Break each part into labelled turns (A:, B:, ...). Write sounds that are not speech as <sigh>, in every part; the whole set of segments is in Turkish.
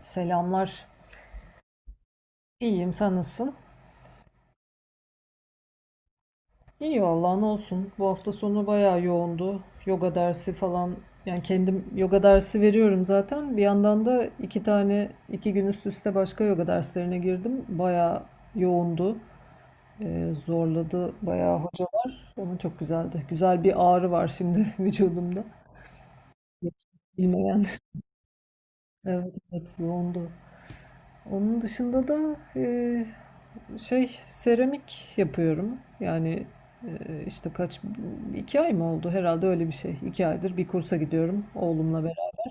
A: Selamlar. İyiyim, sen nasılsın? İyi vallahi ne olsun. Bu hafta sonu bayağı yoğundu. Yoga dersi falan. Yani kendim yoga dersi veriyorum zaten. Bir yandan da 2 gün üst üste başka yoga derslerine girdim. Bayağı yoğundu. Zorladı bayağı hocalar. Ama çok güzeldi. Güzel bir ağrı var şimdi <laughs> vücudumda. Hiç bilmeyen. <laughs> Evet, evet, yoğundu. Onun dışında da şey seramik yapıyorum. Yani işte kaç 2 ay mı oldu herhalde öyle bir şey. 2 aydır bir kursa gidiyorum oğlumla beraber.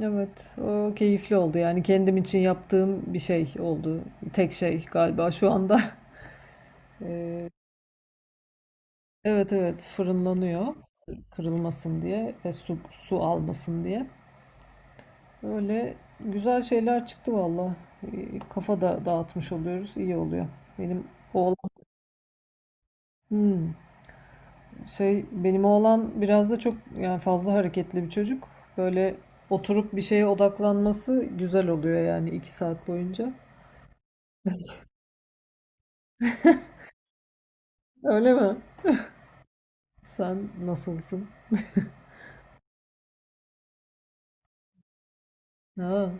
A: Evet, o keyifli oldu yani kendim için yaptığım bir şey oldu. Tek şey galiba şu anda. <laughs> Evet, evet, fırınlanıyor kırılmasın diye ve su almasın diye. Öyle güzel şeyler çıktı valla. Kafa da dağıtmış oluyoruz, iyi oluyor. Benim oğlan Hmm. Şey, benim oğlan biraz da çok yani fazla hareketli bir çocuk. Böyle oturup bir şeye odaklanması güzel oluyor yani 2 saat boyunca. <laughs> Öyle mi? Sen nasılsın? Ha,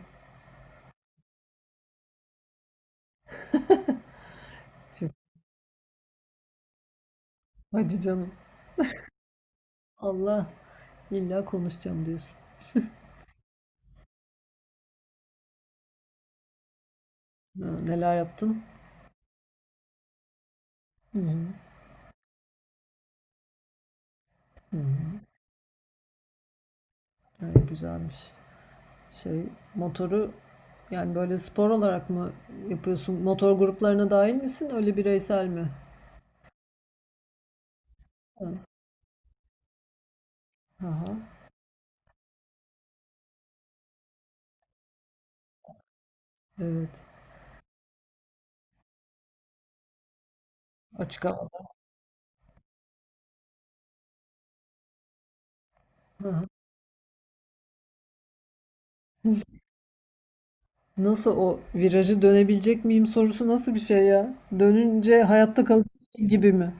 A: çok- hadi canım. Allah illa konuşacağım diyorsun. Ha, neler yaptın? Hı hı. Hı hı. Ha, güzelmiş. Şey, motoru yani böyle spor olarak mı yapıyorsun? Motor gruplarına dahil misin? Öyle bireysel mi? Ha, aha, evet. Açık hava. Aha. Nasıl o virajı dönebilecek miyim sorusu nasıl bir şey ya? Dönünce hayatta kalacak şey gibi mi?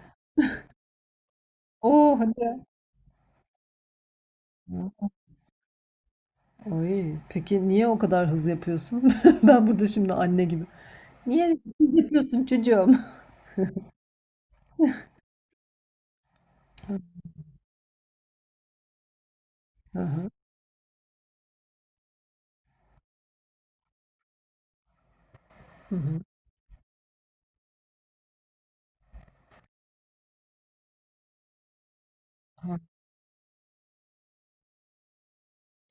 A: Oo, hadi. Ya. Ay, peki niye o kadar hız yapıyorsun? <laughs> Ben burada şimdi anne gibi. Niye hız yapıyorsun çocuğum? <laughs> Hı hı. Hı hı. Ha,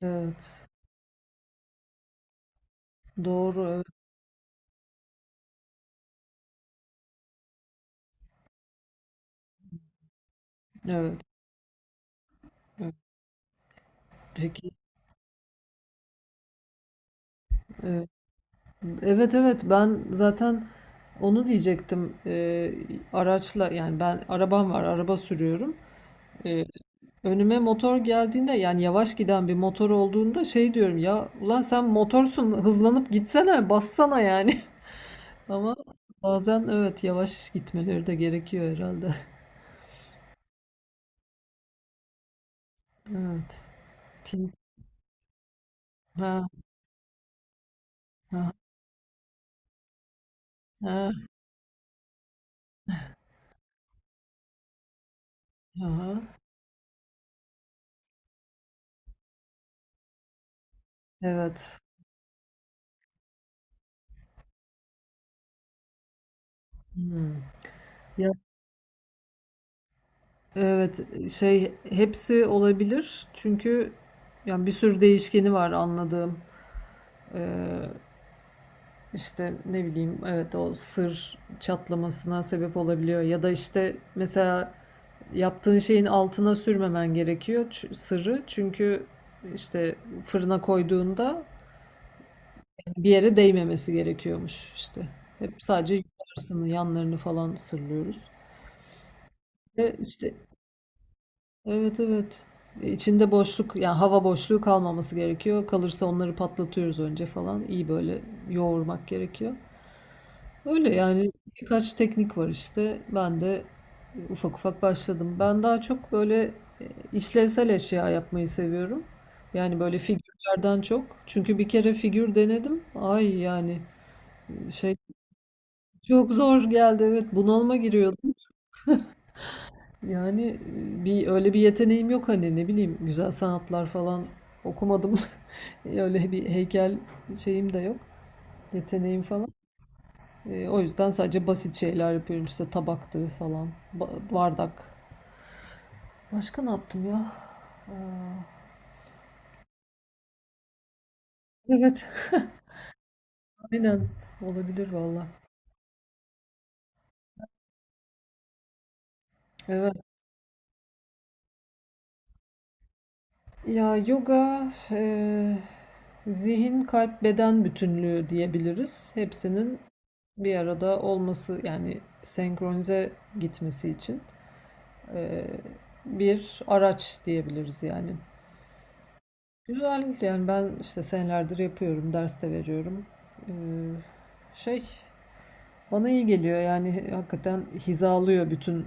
A: evet. Doğru. Evet. Evet, evet. Peki. Evet. Evet, evet, ben zaten onu diyecektim. Araçla yani ben arabam var, araba sürüyorum. Ee, Önüme motor geldiğinde yani yavaş giden bir motor olduğunda şey diyorum ya ulan sen motorsun hızlanıp gitsene bassana yani. <laughs> Ama bazen evet yavaş gitmeleri de gerekiyor herhalde. <laughs> Evet. Tin- Ha, ha, ha, aha. Evet. Hmm. Ya, evet şey hepsi olabilir çünkü yani bir sürü değişkeni var, anladığım. Ee, işte ne bileyim evet o sır çatlamasına sebep olabiliyor ya da işte mesela yaptığın şeyin altına sürmemen gerekiyor sırrı. Çünkü işte fırına koyduğunda bir yere değmemesi gerekiyormuş işte. Hep sadece yukarısını, yanlarını falan sırlıyoruz. Ve işte evet, evet. İçinde boşluk yani hava boşluğu kalmaması gerekiyor. Kalırsa onları patlatıyoruz önce falan. İyi böyle yoğurmak gerekiyor. Öyle yani birkaç teknik var işte. Ben de ufak ufak başladım. Ben daha çok böyle e, işlevsel eşya yapmayı seviyorum. Yani böyle figürlerden çok. Çünkü bir kere figür denedim. Ay yani şey çok zor geldi. Evet, bunalıma giriyordum. Yani e, bir öyle bir yeteneğim yok hani ne bileyim güzel sanatlar falan okumadım. <laughs> Öyle bir heykel şeyim de yok. Yeteneğim falan. O yüzden sadece basit şeyler yapıyorum işte, tabaktı falan, bardak. Başka ne yaptım ya? Aa, evet. Aynen. Olabilir valla. Evet. Ya, yoga zihin, kalp, beden bütünlüğü diyebiliriz. Hepsinin bir arada olması yani senkronize gitmesi için e, bir araç diyebiliriz yani. Güzel yani ben işte senelerdir yapıyorum, ders de veriyorum. E, şey bana iyi geliyor yani hakikaten hizalıyor bütün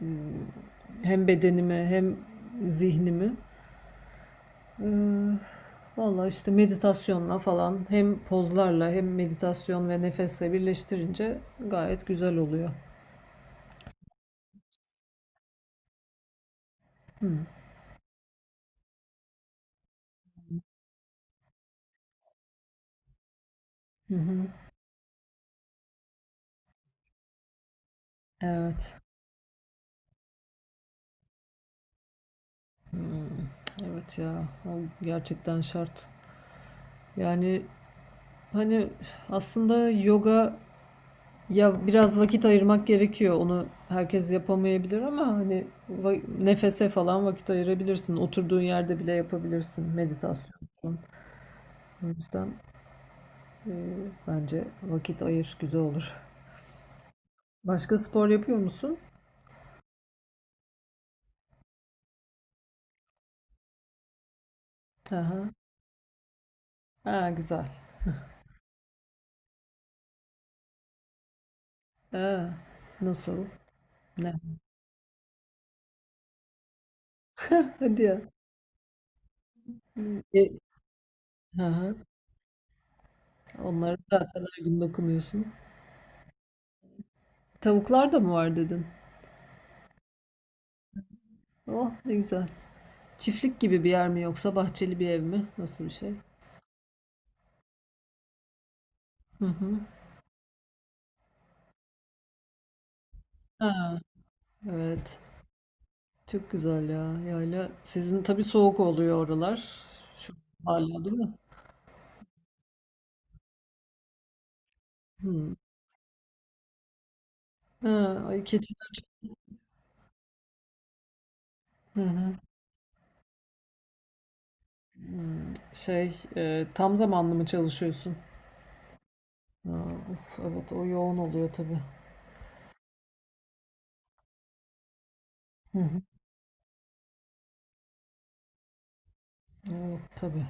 A: m, hem bedenimi hem zihnimi. Ee, Valla işte meditasyonla falan hem pozlarla hem meditasyon ve nefesle birleştirince gayet güzel oluyor. Hı. Hı hı. Evet. Hmm. Evet, ya o gerçekten şart. Yani hani aslında yoga ya biraz vakit ayırmak gerekiyor. Onu herkes yapamayabilir ama hani nefese falan vakit ayırabilirsin. Oturduğun yerde bile yapabilirsin meditasyon. O yüzden e, bence vakit ayır, güzel olur. Başka spor yapıyor musun? Aha. Ha, güzel. Ha, nasıl? Ne? Hadi ya. E, aha. Onlara zaten her gün dokunuyorsun. Tavuklar da mı var dedin? Oh, ne güzel. Çiftlik gibi bir yer mi yoksa bahçeli bir ev mi? Nasıl bir şey? Hı hı. Ha, evet. Çok güzel ya. Yayla. Sizin tabii soğuk oluyor oralar. Şu hala değil mi? Hı. Ha, ay keçi. Hı hı. Hmm, tam zamanlı mı çalışıyorsun? Ha, of, evet o yoğun oluyor tabii. Hı hı. Evet tabii.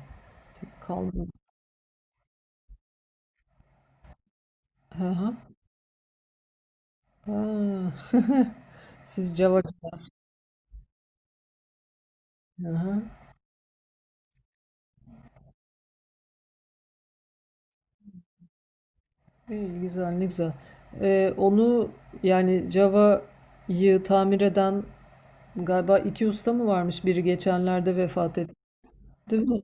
A: Kalmıyor. Hı hı. Ha. <laughs> Siz Java. Hı hı. İyi, güzel, ne güzel. Onu yani Java'yı tamir eden galiba iki usta mı varmış? Biri geçenlerde vefat etti, değil mi?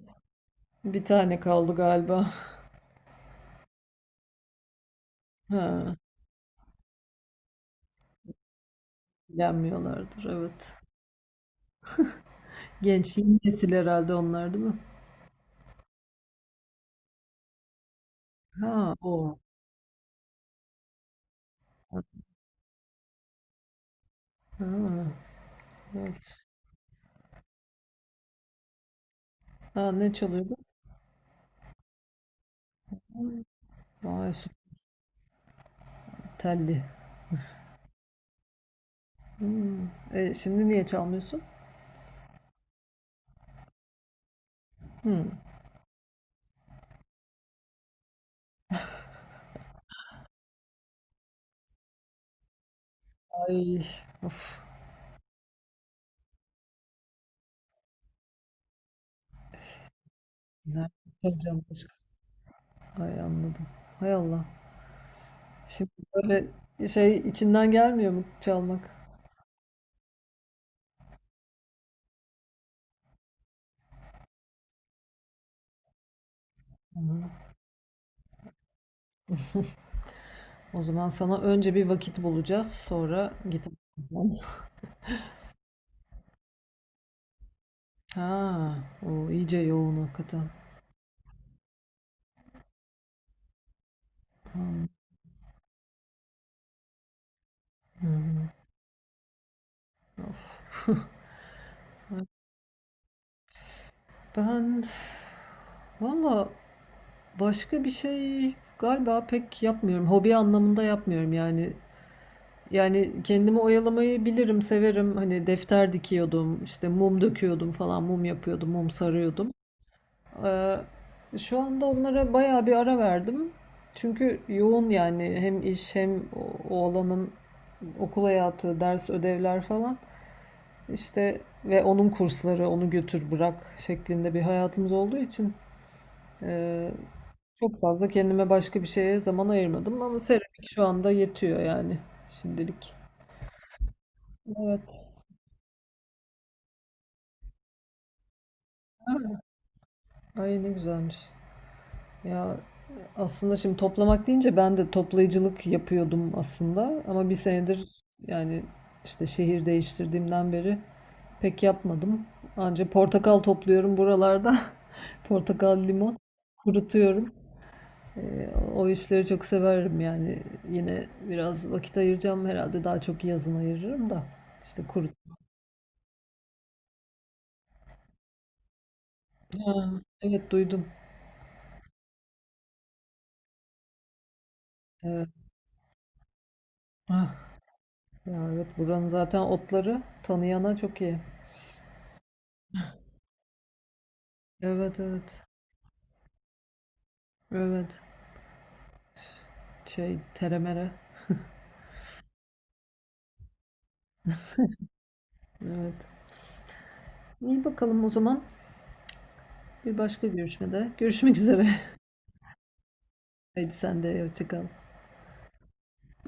A: Bir tane kaldı galiba. <laughs> Ha, ilgilenmiyorlardır evet. Genç yeni nesil herhalde onlar değil mi? Ha o. Ha, evet. Ha, ne çalıyordu? Vay, süper telli. Hımm. Şimdi niye çalmıyorsun? Hımm. Ay, of! Nereden çalacağım başka? Ay, anladım. Hay Allah. Şimdi böyle şey içinden gelmiyor mu çalmak? Hımm. O zaman sana önce bir vakit bulacağız, sonra git. Ha, o iyice yoğun hakikaten. An Hı hı. Of! Ben valla başka bir şey galiba pek yapmıyorum. Hobi anlamında yapmıyorum yani. Yani kendimi oyalamayı bilirim, severim. Hani defter dikiyordum, işte mum döküyordum falan, mum yapıyordum, mum sarıyordum. Ee, şu anda onlara bayağı bir ara verdim. Çünkü yoğun yani hem iş hem o alanın okul hayatı, ders, ödevler falan. İşte ve onun kursları, onu götür bırak şeklinde bir hayatımız olduğu için e, çok fazla kendime başka bir şeye zaman ayırmadım ama seramik şu anda yetiyor yani şimdilik. Evet. Ay, ne güzelmiş. Ya aslında şimdi toplamak deyince ben de toplayıcılık yapıyordum aslında ama bir senedir yani işte şehir değiştirdiğimden beri pek yapmadım. Anca portakal topluyorum buralarda. <laughs> Portakal, limon kurutuyorum. Ee, o işleri çok severim yani. Yine biraz vakit ayıracağım herhalde. Daha çok yazın ayırırım da. İşte kurut. Evet, duydum. Evet. Ah. Ya, evet, buranın zaten otları tanıyana çok iyi. Evet, evet. Evet. Şey teremere. Evet. İyi, bakalım o zaman. Bir başka görüşmede. Görüşmek üzere. <laughs> Haydi sen de hoşça kal.